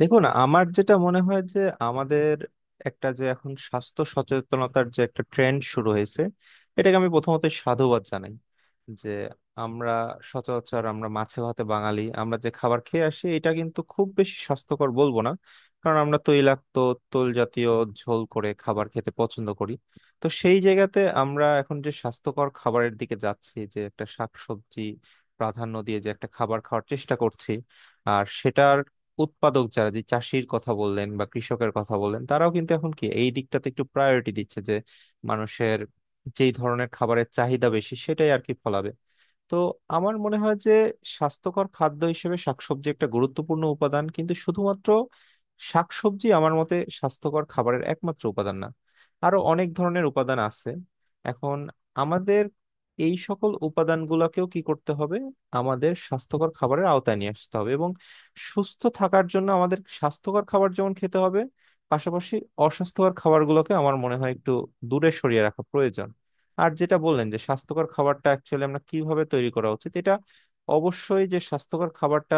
দেখুন, আমার যেটা মনে হয় যে আমাদের একটা যে এখন স্বাস্থ্য সচেতনতার যে একটা ট্রেন্ড শুরু হয়েছে, এটাকে আমি প্রথমত সাধুবাদ জানাই যে আমরা সচরাচর আমরা মাছে ভাতে বাঙালি, আমরা যে খাবার খেয়ে আসি এটা কিন্তু খুব বেশি স্বাস্থ্যকর বলবো না। কারণ আমরা তৈলাক্ত, তৈল জাতীয় ঝোল করে খাবার খেতে পছন্দ করি। তো সেই জায়গাতে আমরা এখন যে স্বাস্থ্যকর খাবারের দিকে যাচ্ছি, যে একটা শাকসবজি প্রাধান্য দিয়ে যে একটা খাবার খাওয়ার চেষ্টা করছি, আর সেটার উৎপাদক যারা, যে চাষির কথা বললেন বা কৃষকের কথা বললেন, তারাও কিন্তু এখন কি এই দিকটাতে একটু প্রায়োরিটি দিচ্ছে যে মানুষের যেই ধরনের খাবারের চাহিদা বেশি সেটাই আর কি ফলাবে। তো আমার মনে হয় যে স্বাস্থ্যকর খাদ্য হিসেবে শাকসবজি একটা গুরুত্বপূর্ণ উপাদান, কিন্তু শুধুমাত্র শাকসবজি আমার মতে স্বাস্থ্যকর খাবারের একমাত্র উপাদান না, আরো অনেক ধরনের উপাদান আছে। এখন আমাদের এই সকল উপাদানগুলোকেও কি করতে হবে, আমাদের স্বাস্থ্যকর খাবারের আওতায় নিয়ে আসতে হবে এবং সুস্থ থাকার জন্য আমাদের স্বাস্থ্যকর খাবার যেমন খেতে হবে, পাশাপাশি অস্বাস্থ্যকর খাবারগুলোকে আমার মনে হয় একটু দূরে সরিয়ে রাখা প্রয়োজন। আর যেটা বললেন যে স্বাস্থ্যকর খাবারটা অ্যাকচুয়ালি আমরা কিভাবে তৈরি করা উচিত, এটা অবশ্যই যে স্বাস্থ্যকর খাবারটা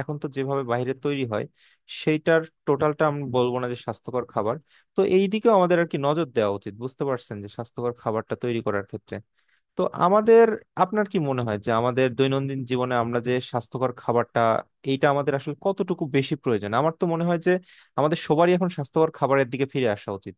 এখন তো যেভাবে বাইরে তৈরি হয়, সেইটার টোটালটা আমি বলবো না যে স্বাস্থ্যকর খাবার। তো এই দিকেও আমাদের আর কি নজর দেওয়া উচিত, বুঝতে পারছেন, যে স্বাস্থ্যকর খাবারটা তৈরি করার ক্ষেত্রে। তো আমাদের আপনার কি মনে হয় যে আমাদের দৈনন্দিন জীবনে আমরা যে স্বাস্থ্যকর খাবারটা, এইটা আমাদের আসলে কতটুকু বেশি প্রয়োজন? আমার তো মনে হয় যে আমাদের সবারই এখন স্বাস্থ্যকর খাবারের দিকে ফিরে আসা উচিত।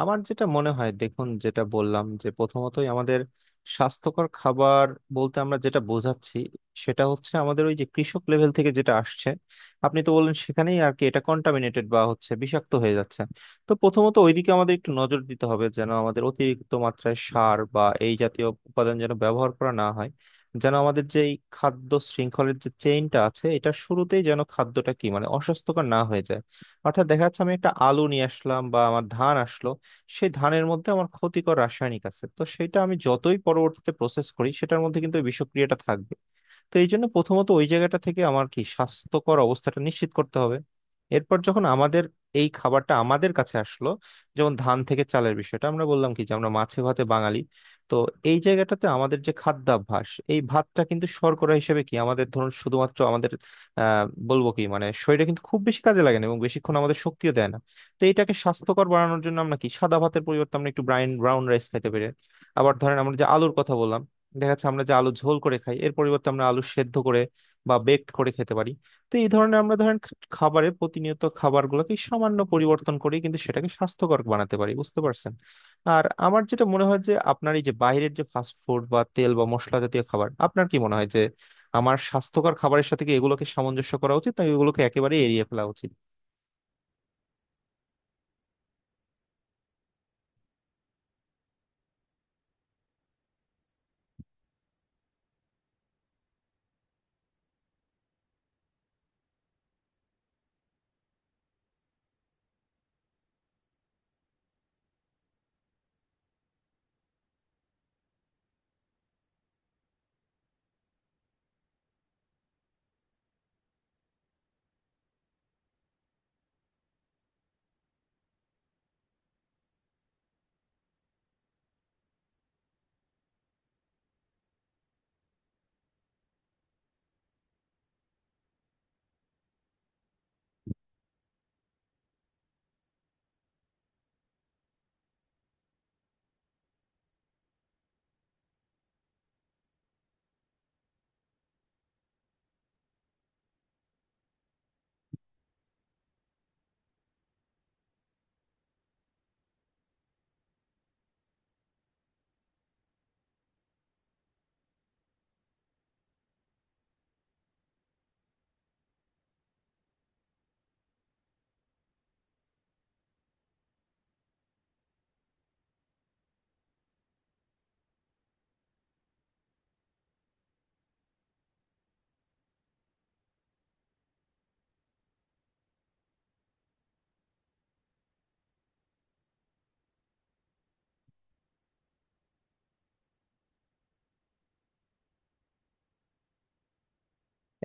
আমার যেটা মনে হয়, দেখুন, যেটা বললাম যে প্রথমতই আমাদের স্বাস্থ্যকর খাবার বলতে আমরা যেটা বোঝাচ্ছি, সেটা হচ্ছে আমাদের ওই যে কৃষক লেভেল থেকে যেটা আসছে, আপনি তো বললেন, সেখানেই আর কি এটা কন্টামিনেটেড বা হচ্ছে, বিষাক্ত হয়ে যাচ্ছে। তো প্রথমত ওইদিকে আমাদের একটু নজর দিতে হবে, যেন আমাদের অতিরিক্ত মাত্রায় সার বা এই জাতীয় উপাদান যেন ব্যবহার করা না হয়, যেন আমাদের যে এই খাদ্য শৃঙ্খলের যে চেইনটা আছে, এটা শুরুতেই যেন খাদ্যটা কি মানে অস্বাস্থ্যকর না হয়ে যায়। অর্থাৎ দেখা যাচ্ছে আমি একটা আলু নিয়ে আসলাম বা আমার ধান আসলো, সেই ধানের মধ্যে আমার ক্ষতিকর রাসায়নিক আছে, তো সেটা আমি যতই পরবর্তীতে প্রসেস করি, সেটার মধ্যে কিন্তু ওই বিষক্রিয়াটা থাকবে। তো এই জন্য প্রথমত ওই জায়গাটা থেকে আমার কি স্বাস্থ্যকর অবস্থাটা নিশ্চিত করতে হবে। এরপর যখন আমাদের এই খাবারটা আমাদের কাছে আসলো, যেমন ধান থেকে চালের বিষয়টা আমরা বললাম কি যে আমরা মাছে ভাতে বাঙালি, তো এই জায়গাটাতে আমাদের যে খাদ্যাভ্যাস, এই ভাতটা কিন্তু শর্করা হিসেবে কি আমাদের, ধরুন, শুধুমাত্র আমাদের আহ বলবো কি মানে শরীরে কিন্তু খুব বেশি কাজে লাগে না এবং বেশিক্ষণ আমাদের শক্তিও দেয় না। তো এটাকে স্বাস্থ্যকর বানানোর জন্য আমরা কি সাদা ভাতের পরিবর্তে আমরা একটু ব্রাউন ব্রাউন রাইস খেতে পারি। আবার ধরেন আমরা যে আলুর কথা বললাম, দেখা যাচ্ছে আমরা যে আলু ঝোল করে খাই, এর পরিবর্তে আমরা আলু সেদ্ধ করে বা বেকড করে খেতে পারি। তো এই ধরনের আমরা, ধরেন, খাবারে প্রতিনিয়ত খাবারগুলোকে সামান্য পরিবর্তন করি, কিন্তু সেটাকে স্বাস্থ্যকর বানাতে পারি, বুঝতে পারছেন। আর আমার যেটা মনে হয় যে আপনার এই যে বাইরের যে ফাস্ট ফুড বা তেল বা মশলা জাতীয় খাবার, আপনার কি মনে হয় যে আমার স্বাস্থ্যকর খাবারের সাথে কি এগুলোকে সামঞ্জস্য করা উচিত, নাকি এগুলোকে একেবারে এড়িয়ে ফেলা উচিত?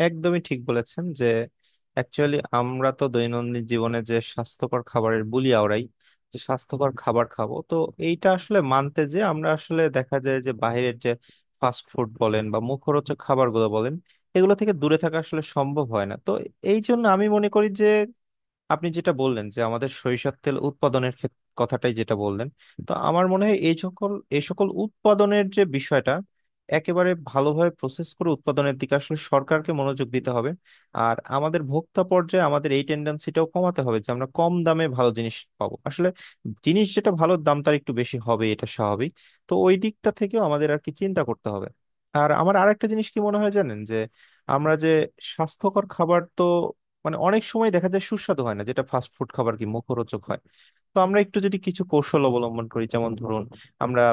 একদমই ঠিক বলেছেন যে অ্যাকচুয়ালি আমরা তো দৈনন্দিন জীবনে যে স্বাস্থ্যকর খাবারের বুলি আওড়াই যে স্বাস্থ্যকর খাবার খাবো, তো এইটা আসলে মানতে, যে আমরা আসলে দেখা যায় যে বাইরের যে ফাস্ট ফুড বলেন বা মুখরোচক খাবারগুলো বলেন, এগুলো থেকে দূরে থাকা আসলে সম্ভব হয় না। তো এই জন্য আমি মনে করি যে আপনি যেটা বললেন যে আমাদের সরিষার তেল উৎপাদনের ক্ষেত- কথাটাই যেটা বললেন, তো আমার মনে হয় এই সকল উৎপাদনের যে বিষয়টা একেবারে ভালোভাবে প্রসেস করে উৎপাদনের দিকে আসলে সরকারকে মনোযোগ দিতে হবে। আর আমাদের ভোক্তা পর্যায়ে আমাদের এই টেন্ডেন্সিটাও কমাতে হবে যে আমরা কম দামে ভালো জিনিস পাবো, আসলে জিনিস যেটা ভালো দাম তার একটু বেশি হবে, এটা স্বাভাবিক। তো ওই দিকটা থেকেও আমাদের আর কি চিন্তা করতে হবে। আর আমার আরেকটা জিনিস কি মনে হয় জানেন, যে আমরা যে স্বাস্থ্যকর খাবার, তো মানে অনেক সময় দেখা যায় সুস্বাদু হয় না, যেটা ফাস্ট ফুড খাবার কি মুখরোচক হয়। তো আমরা একটু যদি কিছু কৌশল অবলম্বন করি, যেমন ধরুন, আমরা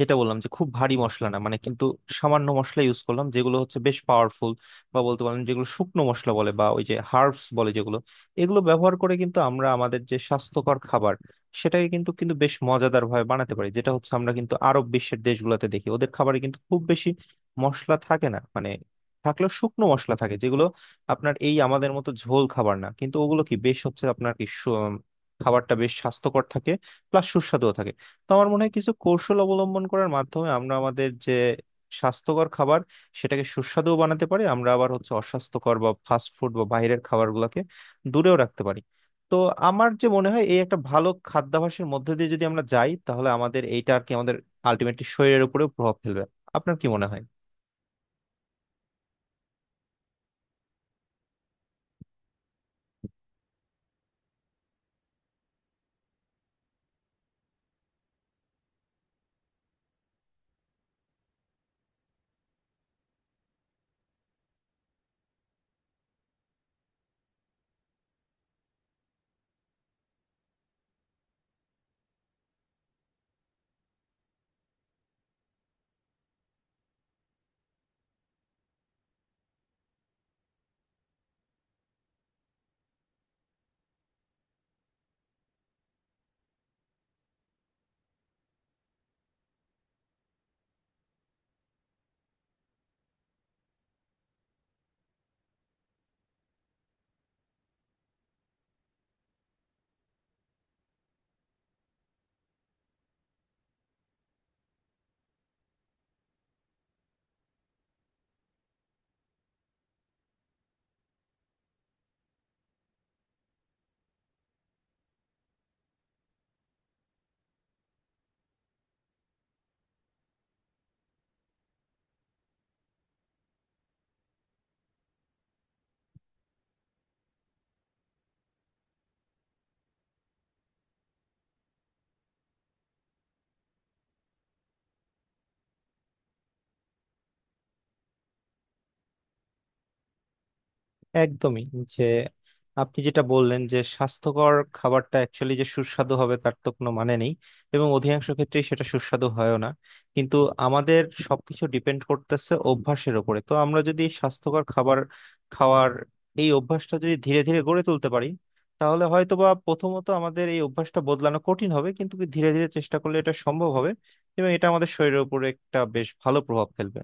যেটা বললাম যে খুব ভারী মশলা না মানে, কিন্তু সামান্য মশলা ইউজ করলাম, যেগুলো হচ্ছে বেশ পাওয়ারফুল, বা বলতে পারেন যেগুলো শুকনো মশলা বলে বা ওই যে হার্বস বলে যেগুলো, এগুলো ব্যবহার করে কিন্তু আমরা আমাদের যে স্বাস্থ্যকর খাবার, সেটাকে কিন্তু কিন্তু বেশ মজাদার ভাবে বানাতে পারি, যেটা হচ্ছে আমরা কিন্তু আরব বিশ্বের দেশগুলোতে দেখি ওদের খাবারে কিন্তু খুব বেশি মশলা থাকে না মানে, থাকলেও শুকনো মশলা থাকে যেগুলো আপনার এই আমাদের মতো ঝোল খাবার না, কিন্তু ওগুলো কি বেশ হচ্ছে আপনার কি সু- খাবারটা বেশ স্বাস্থ্যকর থাকে, প্লাস সুস্বাদুও থাকে। তো আমার মনে হয় কিছু কৌশল অবলম্বন করার মাধ্যমে আমরা আমাদের যে স্বাস্থ্যকর খাবার, সেটাকে সুস্বাদুও বানাতে পারি আমরা, আবার হচ্ছে অস্বাস্থ্যকর বা ফাস্ট ফুড বা বাইরের খাবারগুলোকে দূরেও রাখতে পারি। তো আমার যে মনে হয় এই একটা ভালো খাদ্যাভ্যাসের মধ্যে দিয়ে যদি আমরা যাই, তাহলে আমাদের এইটা আর কি আমাদের আলটিমেটলি শরীরের উপরেও প্রভাব ফেলবে। আপনার কি মনে হয়? একদমই, যে আপনি যেটা বললেন যে স্বাস্থ্যকর খাবারটা অ্যাকচুয়ালি যে সুস্বাদু হবে তার তো কোনো মানে নেই, এবং অধিকাংশ ক্ষেত্রেই সেটা সুস্বাদু হয়ও না, কিন্তু আমাদের সবকিছু ডিপেন্ড করতেছে অভ্যাসের উপরে। তো আমরা যদি স্বাস্থ্যকর খাবার খাওয়ার এই অভ্যাসটা যদি ধীরে ধীরে গড়ে তুলতে পারি, তাহলে হয়তোবা প্রথমত আমাদের এই অভ্যাসটা বদলানো কঠিন হবে, কিন্তু ধীরে ধীরে চেষ্টা করলে এটা সম্ভব হবে এবং এটা আমাদের শরীরের উপরে একটা বেশ ভালো প্রভাব ফেলবে।